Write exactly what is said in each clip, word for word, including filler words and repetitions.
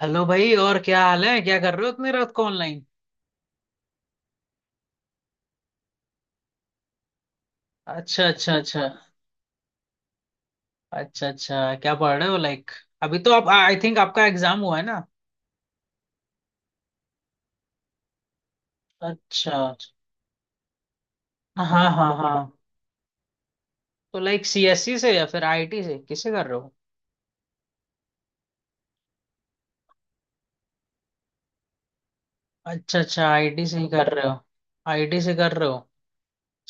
Hello भाई। और क्या हाल है, क्या कर रहे हो इतनी रात को ऑनलाइन? अच्छा अच्छा अच्छा अच्छा अच्छा। क्या पढ़ रहे हो, लाइक? अभी तो आप आई थिंक आपका एग्जाम हुआ है ना? अच्छा अच्छा। हाँ हाँ हाँ। तो लाइक सीएससी से या फिर आईटी से किसे कर रहे हो? अच्छा अच्छा, आईटी से ही कर रहे हो? आईटी से कर रहे हो?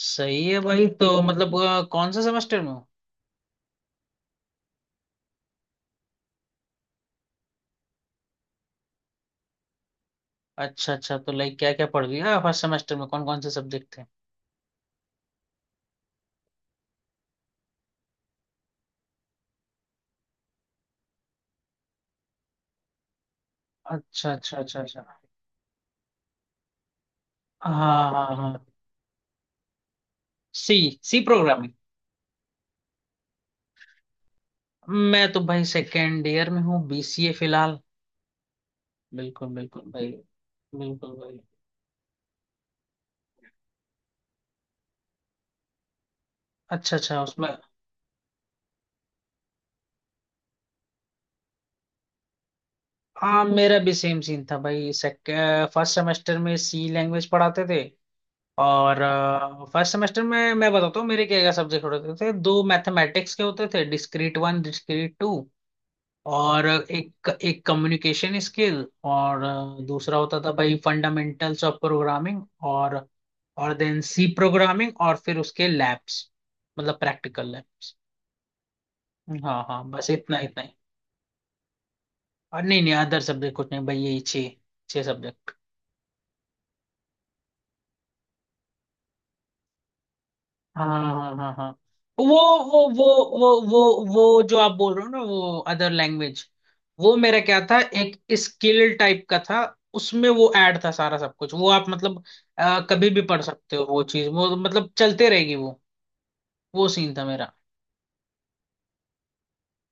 सही है भाई। तो मतलब अ, कौन से सेमेस्टर में हो? अच्छा अच्छा। तो लाइक क्या क्या पढ़ लिया फर्स्ट सेमेस्टर में, कौन कौन से सब्जेक्ट थे? अच्छा अच्छा अच्छा अच्छा। हाँ हाँ हाँ। सी। सी। मैं तो भाई सेकेंड ईयर में हूँ, बीसीए फिलहाल। बिल्कुल बिल्कुल भाई। बिल्कुल भाई। अच्छा अच्छा, उसमें। हाँ, मेरा भी सेम सीन था भाई, सेक फर्स्ट सेमेस्टर में सी लैंग्वेज पढ़ाते थे, और। फर्स्ट सेमेस्टर में मैं बताता हूँ मेरे क्या क्या सब्जेक्ट होते थे। दो मैथमेटिक्स के होते थे, डिस्क्रीट वन डिस्क्रीट टू, और एक एक कम्युनिकेशन स्किल। और दूसरा होता था भाई फंडामेंटल्स ऑफ प्रोग्रामिंग। और और देन सी प्रोग्रामिंग और फिर उसके लैब्स, मतलब प्रैक्टिकल लैब्स। हाँ हाँ, बस इतना इतना ही। और नहीं नहीं, अदर सब्जेक्ट कुछ नहीं भाई, यही छः। छः सब्जेक्ट। हाँ हाँ हाँ हाँ। वो वो वो वो वो वो जो आप बोल रहे हो ना, वो अदर लैंग्वेज। वो मेरा क्या था, एक स्किल टाइप का था। उसमें वो ऐड था सारा सब कुछ। वो आप मतलब अ, कभी भी पढ़ सकते हो वो चीज। वो मतलब चलते रहेगी वो। वो सीन था मेरा।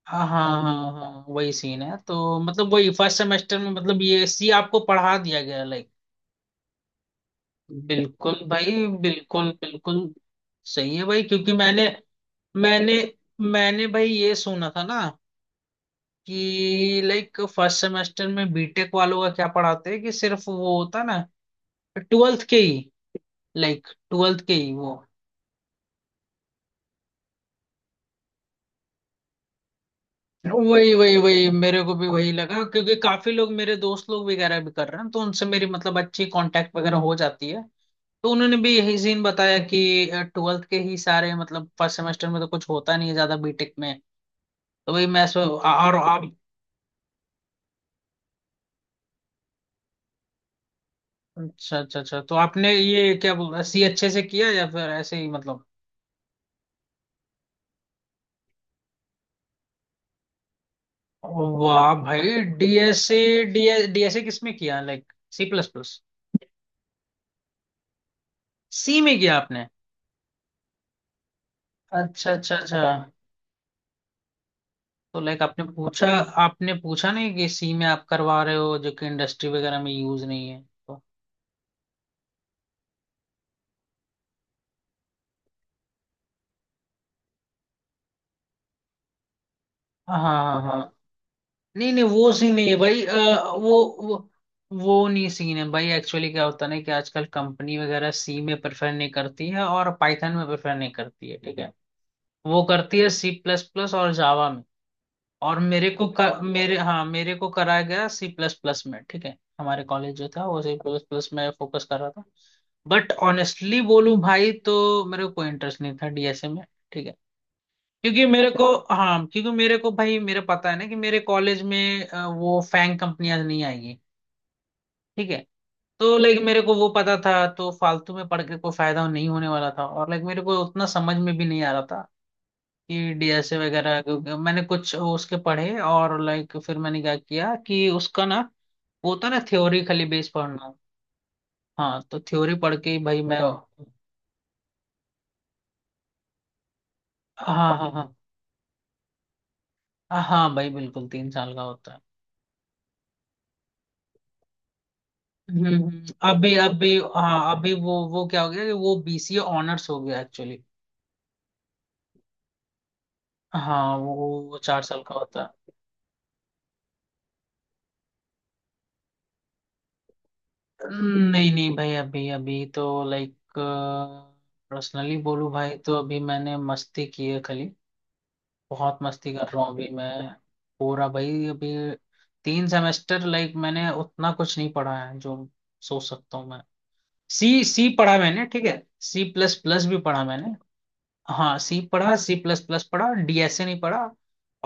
हाँ हाँ हाँ हाँ, वही सीन है। तो मतलब वही फर्स्ट सेमेस्टर में मतलब ये सी आपको पढ़ा दिया गया, लाइक? बिल्कुल भाई, बिल्कुल बिल्कुल। सही है भाई, क्योंकि मैंने मैंने मैंने भाई ये सुना था ना कि लाइक फर्स्ट सेमेस्टर में बीटेक वालों का क्या पढ़ाते हैं, कि सिर्फ वो होता है ना, ट्वेल्थ के ही। लाइक ट्वेल्थ के ही वो। वही वही वही मेरे को भी वही लगा, क्योंकि काफी लोग मेरे दोस्त लोग वगैरह भी कर रहे हैं, तो उनसे मेरी मतलब अच्छी कांटेक्ट वगैरह हो जाती है। तो उन्होंने भी यही सीन बताया कि ट्वेल्थ के ही सारे, मतलब फर्स्ट सेमेस्टर में तो कुछ होता नहीं है ज्यादा बीटेक में। तो वही मैं, सो। और आप? अच्छा अच्छा अच्छा। तो आपने ये क्या बोल सी अच्छे से किया या फिर ऐसे ही, मतलब? वाह भाई। डीएसए डीएस डीएसए किस में किया, like C plus plus? C में किया आपने? अच्छा अच्छा अच्छा। तो लाइक आपने पूछा। आपने पूछा नहीं कि सी में आप करवा रहे हो जो कि इंडस्ट्री वगैरह में यूज नहीं है, तो। हाँ हाँ हाँ। नहीं नहीं, वो सीन नहीं है भाई, अ, वो वो वो नहीं सीन है भाई। एक्चुअली क्या होता है ना कि आजकल कंपनी वगैरह सी में प्रेफर नहीं करती है, और पाइथन में प्रेफर नहीं करती है, ठीक है। वो करती है सी प्लस प्लस और जावा में। और मेरे को कर, और मेरे हाँ मेरे को कराया गया सी प्लस प्लस में, ठीक है। हमारे कॉलेज जो था वो सी प्लस प्लस में फोकस कर रहा था। बट ऑनेस्टली बोलूं भाई तो मेरे को कोई इंटरेस्ट नहीं था डीएसए में, ठीक है। क्योंकि मेरे को हाँ क्योंकि मेरे को भाई, मेरे पता है ना कि मेरे कॉलेज में अ, वो फैंग कंपनियां नहीं आएंगी, ठीक है। तो लाइक मेरे को वो पता था। तो फालतू में पढ़ के कोई फायदा नहीं होने वाला था, और लाइक मेरे को उतना समझ में भी नहीं आ रहा था कि डीएसए वगैरह, क्योंकि मैंने कुछ उसके पढ़े। और लाइक फिर मैंने क्या किया कि उसका ना, वो होता ना, थ्योरी खाली बेस पढ़ना। हाँ तो थ्योरी पढ़ के ही भाई मैं, हाँ। हाँ हाँ हाँ हाँ, भाई बिल्कुल तीन साल का होता है। हम्म हम्म, अभी अभी हाँ अभी, वो वो क्या हो गया कि वो बीसीए ऑनर्स हो गया एक्चुअली। हाँ वो वो चार साल का होता है। नहीं नहीं भाई, अभी अभी तो लाइक पर्सनली बोलूं भाई तो अभी मैंने मस्ती की है खाली। बहुत मस्ती कर रहा हूँ अभी मैं। पूरा भाई अभी। तीन सेमेस्टर लाइक मैंने उतना कुछ नहीं पढ़ा है जो सोच सकता हूँ मैं। सी सी पढ़ा मैंने, ठीक है। सी प्लस प्लस भी पढ़ा मैंने। हाँ, सी पढ़ा, सी प्लस प्लस पढ़ा, डीएसए नहीं पढ़ा।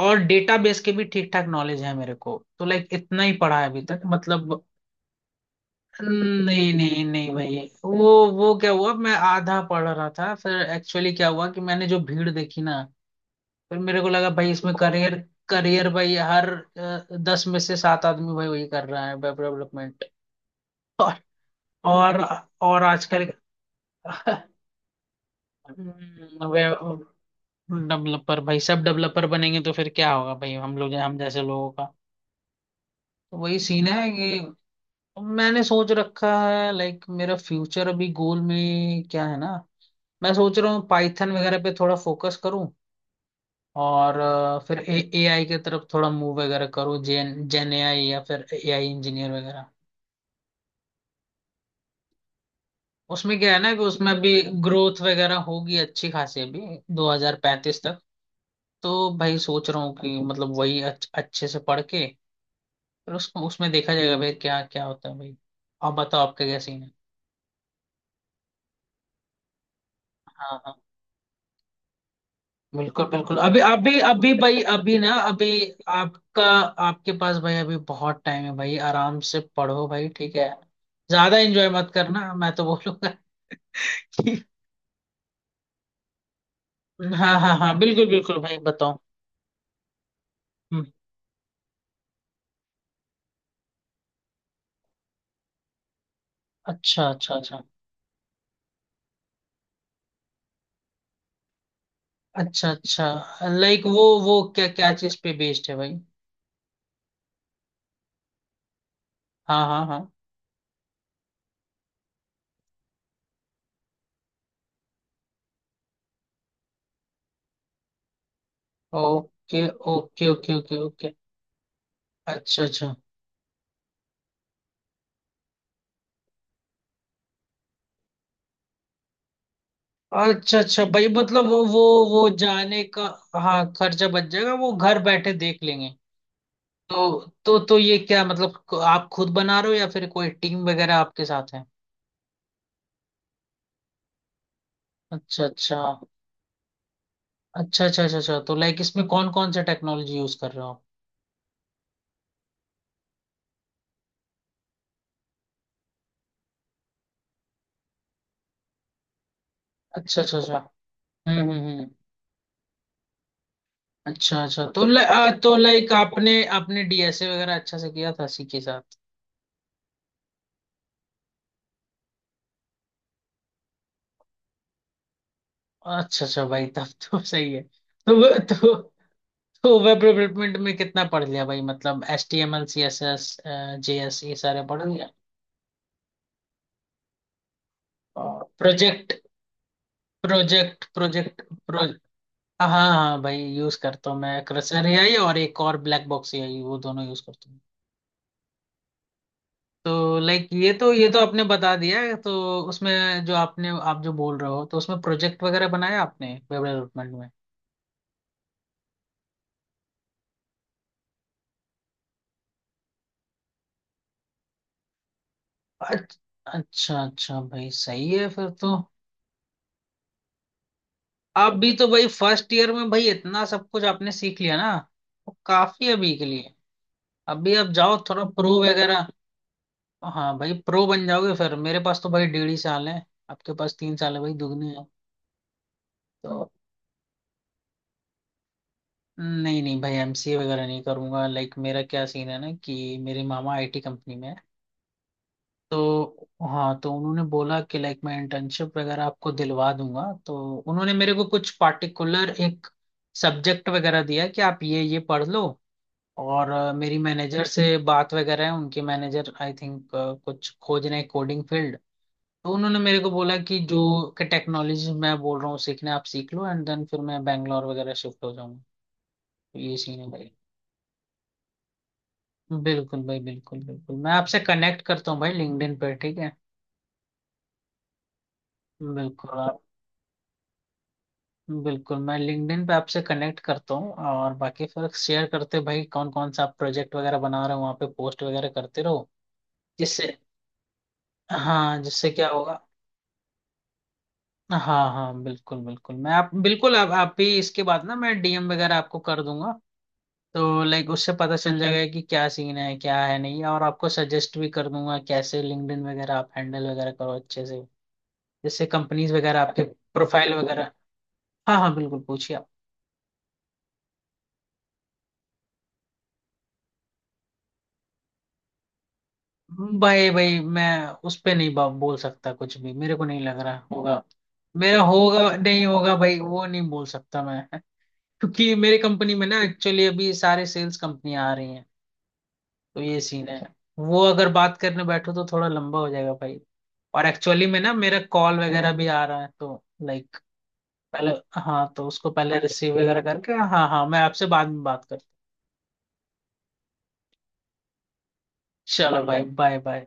और डेटाबेस के भी ठीक ठाक नॉलेज है मेरे को, तो लाइक इतना ही पढ़ा है अभी तक, मतलब। नहीं नहीं नहीं भाई। वो वो क्या हुआ, मैं आधा पढ़ रहा था, फिर एक्चुअली क्या हुआ कि मैंने जो भीड़ देखी ना, फिर मेरे को लगा भाई इसमें करियर। करियर भाई, हर अ, दस में से सात आदमी भाई वही कर रहा है, वेब डेवलपमेंट। और और और आजकल वेब डेवलपर भाई। सब डेवलपर बनेंगे तो फिर क्या होगा भाई, हम लोग हम जैसे लोगों का? तो वही सीन है कि मैंने सोच रखा है, लाइक मेरा फ्यूचर अभी गोल में क्या है ना। मैं सोच रहा हूँ पाइथन वगैरह पे थोड़ा फोकस करूँ। और अ, फिर ए आई की तरफ थोड़ा मूव वगैरह करो, जेन जेन ए आई या फिर ए आई इंजीनियर वगैरह। उसमें क्या है ना कि उसमें भी ग्रोथ वगैरह होगी अच्छी खासी, अभी दो हज़ार पैंतीस तक। तो भाई सोच रहा हूँ कि मतलब वही अच्छ, अच्छे से पढ़ के, फिर उसको उसमें देखा जाएगा भाई, क्या क्या होता है भाई। आप बताओ आपका क्या सीन है? हाँ बिल्कुल बिल्कुल, अभी अभी अभी भाई अभी ना अभी आपका, आपके पास भाई अभी बहुत टाइम है भाई, आराम से पढ़ो भाई, ठीक है। ज्यादा एंजॉय मत करना मैं तो बोलूंगा कि। हाँ हाँ हाँ, बिल्कुल बिल्कुल भाई, बताओ। हम्म, अच्छा अच्छा अच्छा। अच्छा अच्छा, लाइक वो वो क्या क्या चीज पे बेस्ड है भाई? हाँ हाँ हाँ। Okay okay okay okay okay. अच्छा अच्छा अच्छा अच्छा भाई, मतलब वो वो वो जाने का। हाँ खर्चा बच जाएगा, वो घर बैठे देख लेंगे। तो तो तो ये क्या मतलब, आप खुद बना रहे हो या फिर कोई टीम वगैरह आपके साथ है? अच्छा अच्छा अच्छा अच्छा अच्छा अच्छा। तो लाइक इसमें कौन कौन सा टेक्नोलॉजी यूज कर रहे हो आप? अच्छा अच्छा अच्छा। हम्म हम्म हम्म। अच्छा अच्छा, तो ल, आ, तो लाइक आपने आपने डीएसए वगैरह अच्छा से किया था सी के साथ? अच्छा अच्छा भाई, तब तो सही है। तो वो- तो तो वेब डेवलपमेंट में कितना पढ़ लिया भाई, मतलब H T M L C S S J S, ये सारे पढ़ लिया? Project project project. हाँ हाँ हाँ, भाई यूज करता हूँ मैं क्रशर एआई और एक और ब्लैक बॉक्स एआई, वो दोनों यूज करता हूँ। तो लाइक ये तो ये तो आपने बता दिया है, तो उसमें जो आपने, आप जो बोल रहे हो तो उसमें प्रोजेक्ट वगैरह बनाया आपने वेब डेवलपमेंट में? अच्छ- अच्छा अच्छा भाई, सही है फिर तो। आप भी तो भाई फर्स्ट ईयर में भाई इतना सब कुछ आपने सीख लिया ना, वो काफी है अभी के लिए। अभी आप जाओ थोड़ा प्रो वगैरह। हाँ भाई, प्रो बन जाओगे फिर, मेरे पास तो भाई डेढ़ ही साल है। आपके पास तीन साल है भाई, दुगने है। नहीं नहीं भाई एमसीए वगैरह नहीं करूंगा, लाइक मेरा क्या सीन है ना कि मेरे मामा आईटी कंपनी में है। तो हाँ तो उन्होंने बोला कि लाइक मैं इंटर्नशिप वगैरह आपको दिलवा दूंगा, तो उन्होंने मेरे को कुछ पार्टिकुलर एक सब्जेक्ट वगैरह दिया कि आप ये ये पढ़ लो। और अ, मेरी मैनेजर से बात वगैरह है, उनके मैनेजर आई थिंक कुछ खोज रहे कोडिंग फील्ड। तो उन्होंने मेरे को बोला कि जो कि टेक्नोलॉजी मैं बोल रहा हूँ सीखने, आप सीख लो एंड देन फिर मैं बैंगलोर वगैरह शिफ्ट हो जाऊंगा। तो ये सीन है। बिल्कुल भाई, बिल्कुल बिल्कुल, मैं आपसे कनेक्ट करता हूँ भाई लिंक्डइन पे, ठीक है। बिल्कुल आप बिल्कुल, मैं लिंक्डइन पे आपसे कनेक्ट करता हूँ, और बाकी फिर शेयर करते भाई कौन कौन सा आप प्रोजेक्ट वगैरह बना रहे हो, वहाँ पे पोस्ट वगैरह करते रहो। जिससे, हाँ जिससे क्या होगा। हाँ हाँ बिल्कुल बिल्कुल, मैं आप बिल्कुल आप आप भी इसके बाद ना मैं डीएम वगैरह आपको कर दूंगा। तो लाइक उससे पता चल जाएगा कि क्या सीन है क्या है नहीं, और आपको सजेस्ट भी कर दूंगा कैसे लिंक्डइन वगैरह आप हैंडल वगैरह करो अच्छे से, जैसे कंपनीज वगैरह आपके प्रोफाइल वगैरह। हाँ हाँ बिल्कुल, पूछिए आप। भाई भाई मैं उस पे नहीं बा- बोल सकता कुछ भी, मेरे को नहीं लग रहा होगा। मेरा होगा नहीं होगा भाई, वो नहीं बोल सकता मैं क्योंकि मेरे कंपनी में ना एक्चुअली अभी सारे सेल्स कंपनियां आ रही हैं। तो ये सीन है। वो अगर बात करने बैठो तो थोड़ा लंबा हो जाएगा भाई। और एक्चुअली में ना मेरा कॉल वगैरह भी आ रहा है, तो लाइक पहले, हाँ तो उसको पहले रिसीव वगैरह करके, हाँ हाँ मैं आपसे बाद में बात करता हूँ। चलो भाई, बाय बाय।